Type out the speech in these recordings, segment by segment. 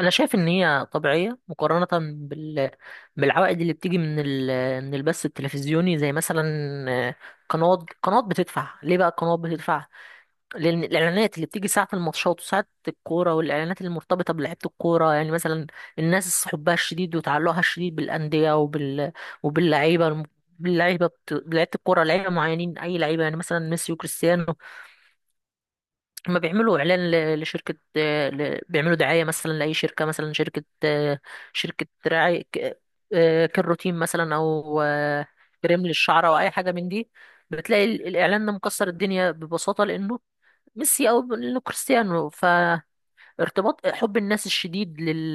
انا شايف ان هي طبيعيه مقارنه بال... بالعوائد اللي بتيجي من البث التلفزيوني زي مثلا آه، قنوات بتدفع ليه، بقى القنوات بتدفع لان الاعلانات اللي بتيجي ساعه الماتشات وساعه الكوره والاعلانات المرتبطه بلعيبه الكوره، يعني مثلا الناس حبها الشديد وتعلقها الشديد بالانديه وباللعيبه، باللعيبه لعيبه الكوره، لعيبه معينين، اي لعيبه يعني مثلا ميسي وكريستيانو هما بيعملوا اعلان لشركه، بيعملوا دعايه مثلا لاي شركه، مثلا شركه شركه رعايه كروتين مثلا، او كريم للشعر او اي حاجه من دي. بتلاقي الاعلان ده مكسر الدنيا ببساطه لانه ميسي او لانه كريستيانو. ارتباط حب الناس الشديد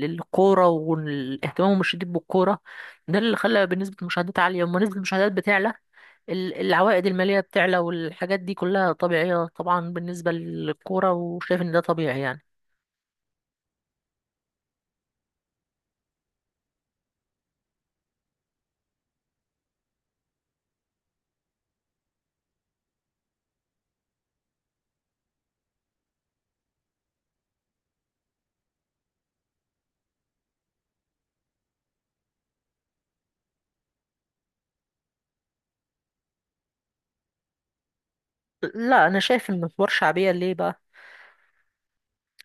للكورة واهتمامهم الشديد بالكورة ده اللي خلى بنسبة المشاهدات عالية، لما نسبة المشاهدات بتعلى العوائد المالية بتعلى، والحاجات دي كلها طبيعية طبعا بالنسبة للكورة، وشايف ان ده طبيعي يعني. لا، انا شايف ان الحوار شعبية، ليه بقى؟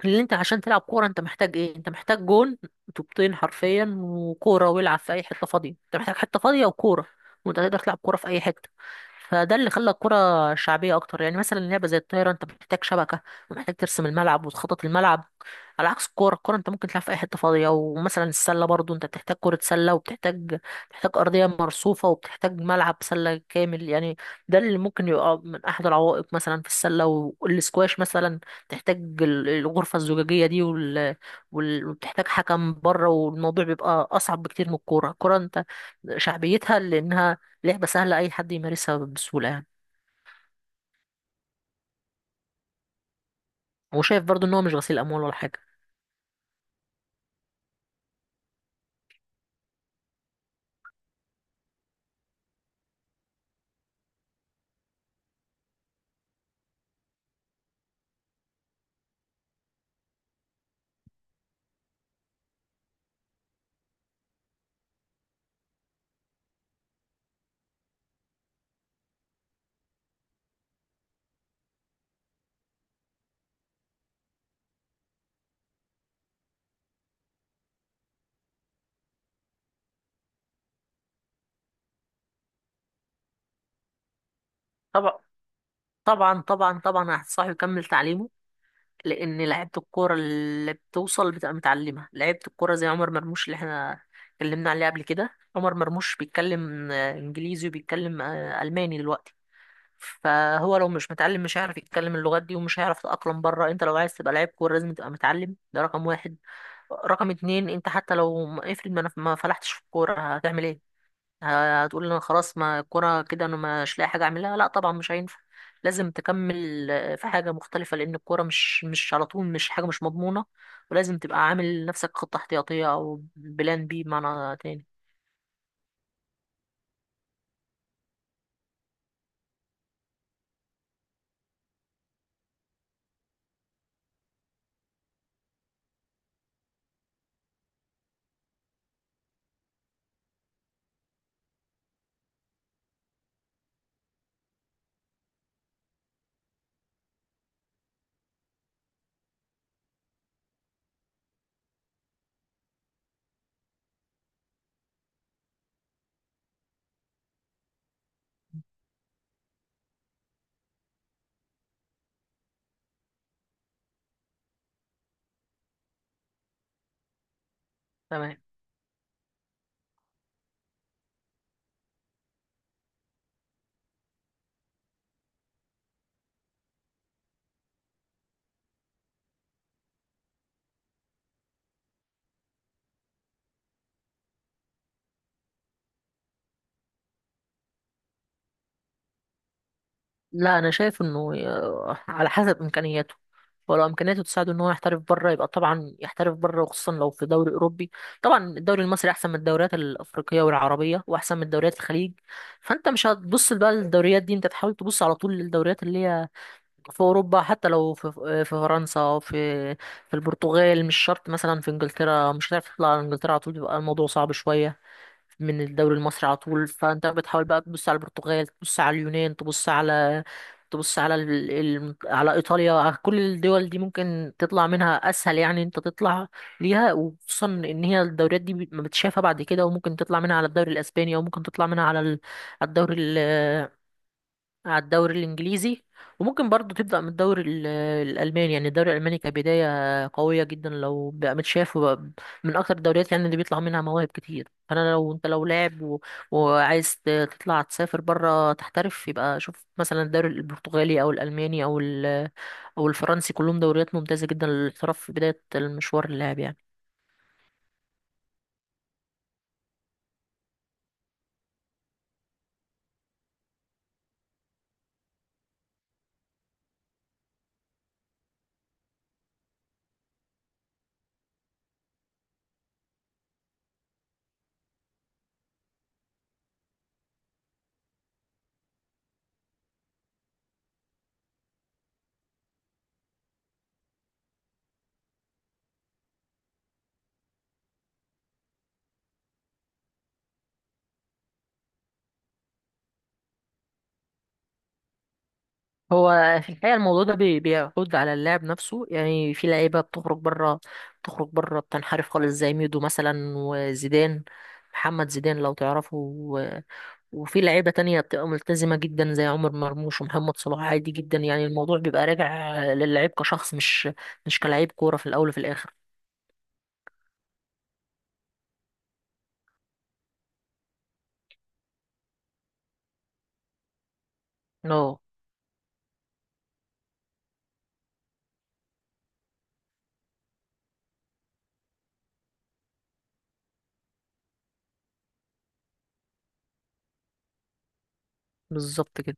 اللي انت عشان تلعب كوره انت محتاج ايه؟ انت محتاج جون، طوبتين حرفيا وكوره، والعب في اي حته فاضيه. انت محتاج حته فاضيه وكوره وانت تقدر تلعب كوره في اي حته، فده اللي خلى الكوره شعبيه اكتر. يعني مثلا لعبه زي الطايره انت محتاج شبكه ومحتاج ترسم الملعب وتخطط الملعب، على عكس الكوره. الكوره انت ممكن تلعب في اي حته فاضيه. ومثلا السله برضو انت بتحتاج كره سله، وبتحتاج بتحتاج ارضيه مرصوفه وبتحتاج ملعب سله كامل يعني. ده اللي ممكن يبقى من احد العوائق مثلا في السله. والسكواش مثلا تحتاج الغرفة الزجاجية دي وبتحتاج حكم بره، والموضوع بيبقى أصعب بكتير من الكورة. الكورة أنت شعبيتها لأنها لعبة سهلة، أي حد يمارسها بسهولة يعني. وشايف برضو إن هو مش غسيل أموال ولا حاجة. طبعا، طبعا، طبعا، طبعا هتنصحه يكمل تعليمه، لأن لعيبة الكورة اللي بتوصل بتبقى متعلمة. لعيبة الكورة زي عمر مرموش اللي احنا اتكلمنا عليه قبل كده، عمر مرموش بيتكلم إنجليزي وبيتكلم ألماني دلوقتي. فهو لو مش متعلم مش هيعرف يتكلم اللغات دي، ومش هيعرف يتأقلم بره. انت لو عايز تبقى لعيب كورة لازم تبقى متعلم، ده رقم واحد. رقم اتنين، انت حتى لو افرض ما فلحتش في الكورة هتعمل ايه؟ هتقول انا خلاص، ما الكورة كده انا مش لاقي حاجة اعملها؟ لا طبعا مش هينفع، لازم تكمل في حاجة مختلفة، لأن الكورة مش على طول، مش حاجة مش مضمونة، ولازم تبقى عامل لنفسك خطة احتياطية أو بلان بي بمعنى تاني. تمام. لا، انا شايف انه على حسب امكانياته. ولو امكانياته تساعده ان هو يحترف بره يبقى طبعا يحترف بره، وخصوصا لو في دوري اوروبي. طبعا الدوري المصري احسن من الدوريات الافريقيه والعربيه، واحسن من دوريات الخليج، فانت مش هتبص بقى للدوريات دي. انت تحاول تبص على طول للدوريات اللي هي في اوروبا. حتى لو في في فرنسا، او في البرتغال، مش شرط مثلا في انجلترا، مش هتعرف تطلع على انجلترا على طول، بيبقى الموضوع صعب شويه من الدوري المصري على طول. فانت بتحاول بقى تبص على البرتغال، تبص على اليونان، تبص على على ايطاليا، على كل الدول دي ممكن تطلع منها اسهل يعني، انت تطلع ليها، وخصوصا ان هي الدوريات دي ما بتشافها بعد كده، وممكن تطلع منها على الدوري الاسباني، او ممكن تطلع منها على على الدوري على الدوري الانجليزي. وممكن برضو تبدا من الدوري الالماني. يعني الدوري الالماني كبدايه قويه جدا لو بقى متشاف، وبقى من اكتر الدوريات يعني اللي بيطلع منها مواهب كتير. فانا لو انت لو لاعب وعايز تطلع تسافر بره تحترف، يبقى شوف مثلا الدوري البرتغالي او الالماني او الفرنسي، كلهم دوريات ممتازه جدا للاحتراف في بدايه المشوار اللاعب يعني. هو في الحقيقة الموضوع ده بيعود على اللاعب نفسه يعني. في لعيبة بتخرج بره بتنحرف خالص زي ميدو مثلا، وزيدان، محمد زيدان لو تعرفه، وفي لعيبة تانية بتبقى ملتزمة جدا زي عمر مرموش ومحمد صلاح. عادي جدا يعني، الموضوع بيبقى راجع للعيب كشخص، مش كلاعب كورة في الأول وفي الآخر. اه، بالظبط كده.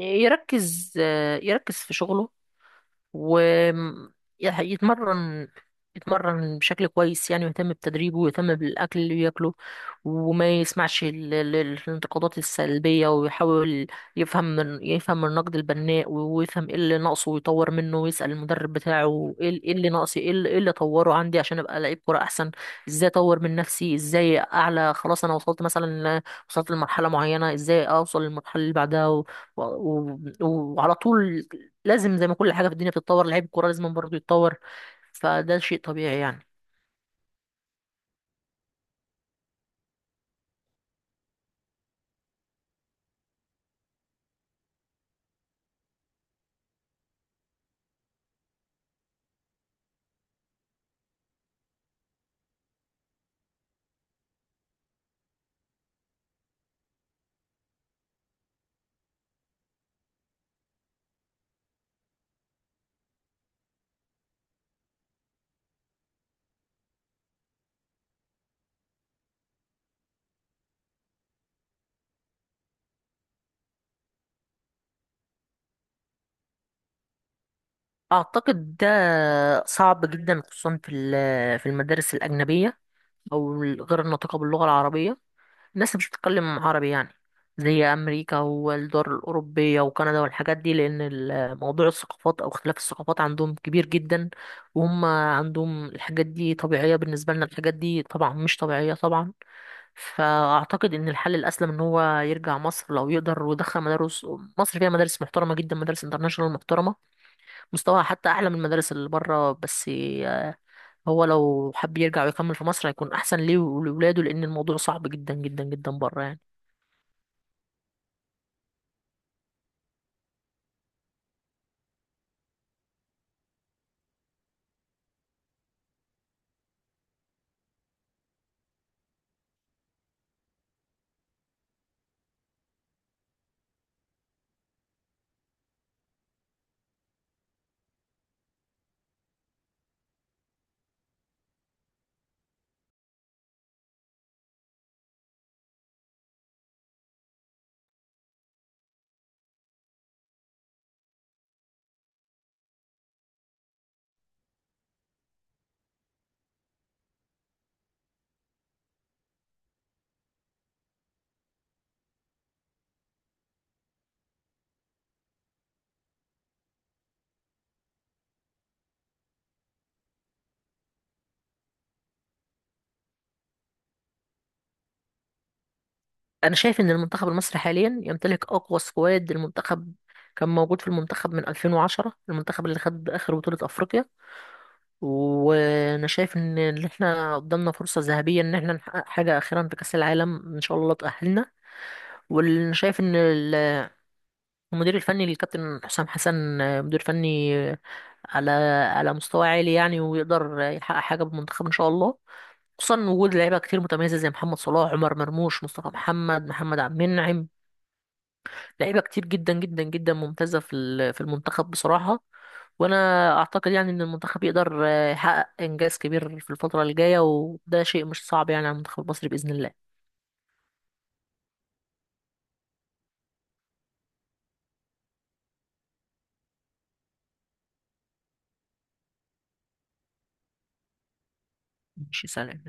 يركز يركز في شغله، ويتمرن، يتمرن بشكل كويس يعني، ويهتم بتدريبه، ويهتم بالأكل اللي بياكله، وما يسمعش الانتقادات السلبية، ويحاول يفهم النقد البناء، ويفهم ايه اللي ناقصه، ويطور منه، ويسأل المدرب بتاعه ايه إيه اللي ناقصي، ايه اللي إيه اللي اطوره عندي عشان ابقى لعيب كرة احسن. ازاي اطور من نفسي، ازاي اعلى؟ خلاص انا وصلت مثلا ل- وصلت لمرحلة معينة، ازاي اوصل للمرحلة اللي بعدها؟ و... وعلى طول لازم، زي ما كل حاجة في الدنيا بتتطور، لعيب الكورة لازم برضه يتطور، فده شيء طبيعي يعني. أعتقد ده صعب جدا، خصوصا في في المدارس الأجنبية، أو غير الناطقة باللغة العربية. الناس مش بتتكلم عربي يعني، زي أمريكا والدول الأوروبية وكندا والحاجات دي، لأن موضوع الثقافات أو اختلاف الثقافات عندهم كبير جدا. وهم عندهم الحاجات دي طبيعية، بالنسبة لنا الحاجات دي طبعا مش طبيعية طبعا. فاعتقد ان الحل الاسلم ان هو يرجع مصر لو يقدر، ويدخل مدارس. مصر فيها مدارس محترمه جدا، مدارس انترناشونال محترمه مستواها حتى اعلى من المدارس اللي بره، بس آه، هو لو حب يرجع ويكمل في مصر هيكون احسن ليه ولاولاده، لان الموضوع صعب جدا جدا جدا بره يعني. انا شايف ان المنتخب المصري حاليا يمتلك اقوى سكواد المنتخب كان موجود في المنتخب من 2010، المنتخب اللي خد اخر بطولة افريقيا. وانا شايف ان احنا قدامنا فرصة ذهبية ان احنا نحقق حاجة اخيرا في كأس العالم، ان شاء الله تأهلنا. وانا شايف ان المدير الفني للكابتن حسام حسن، مدير فني على على مستوى عالي يعني، ويقدر يحقق حاجة بالمنتخب ان شاء الله، خصوصا وجود لعيبة كتير متميزة زي محمد صلاح، عمر مرموش، مصطفى محمد، محمد عبد المنعم، لعيبه كتير جدا جدا جدا ممتازه في في المنتخب بصراحه. وانا اعتقد يعني ان المنتخب يقدر يحقق انجاز كبير في الفتره الجايه، وده شيء مش صعب يعني على المنتخب المصري باذن الله. ماشي، سلام.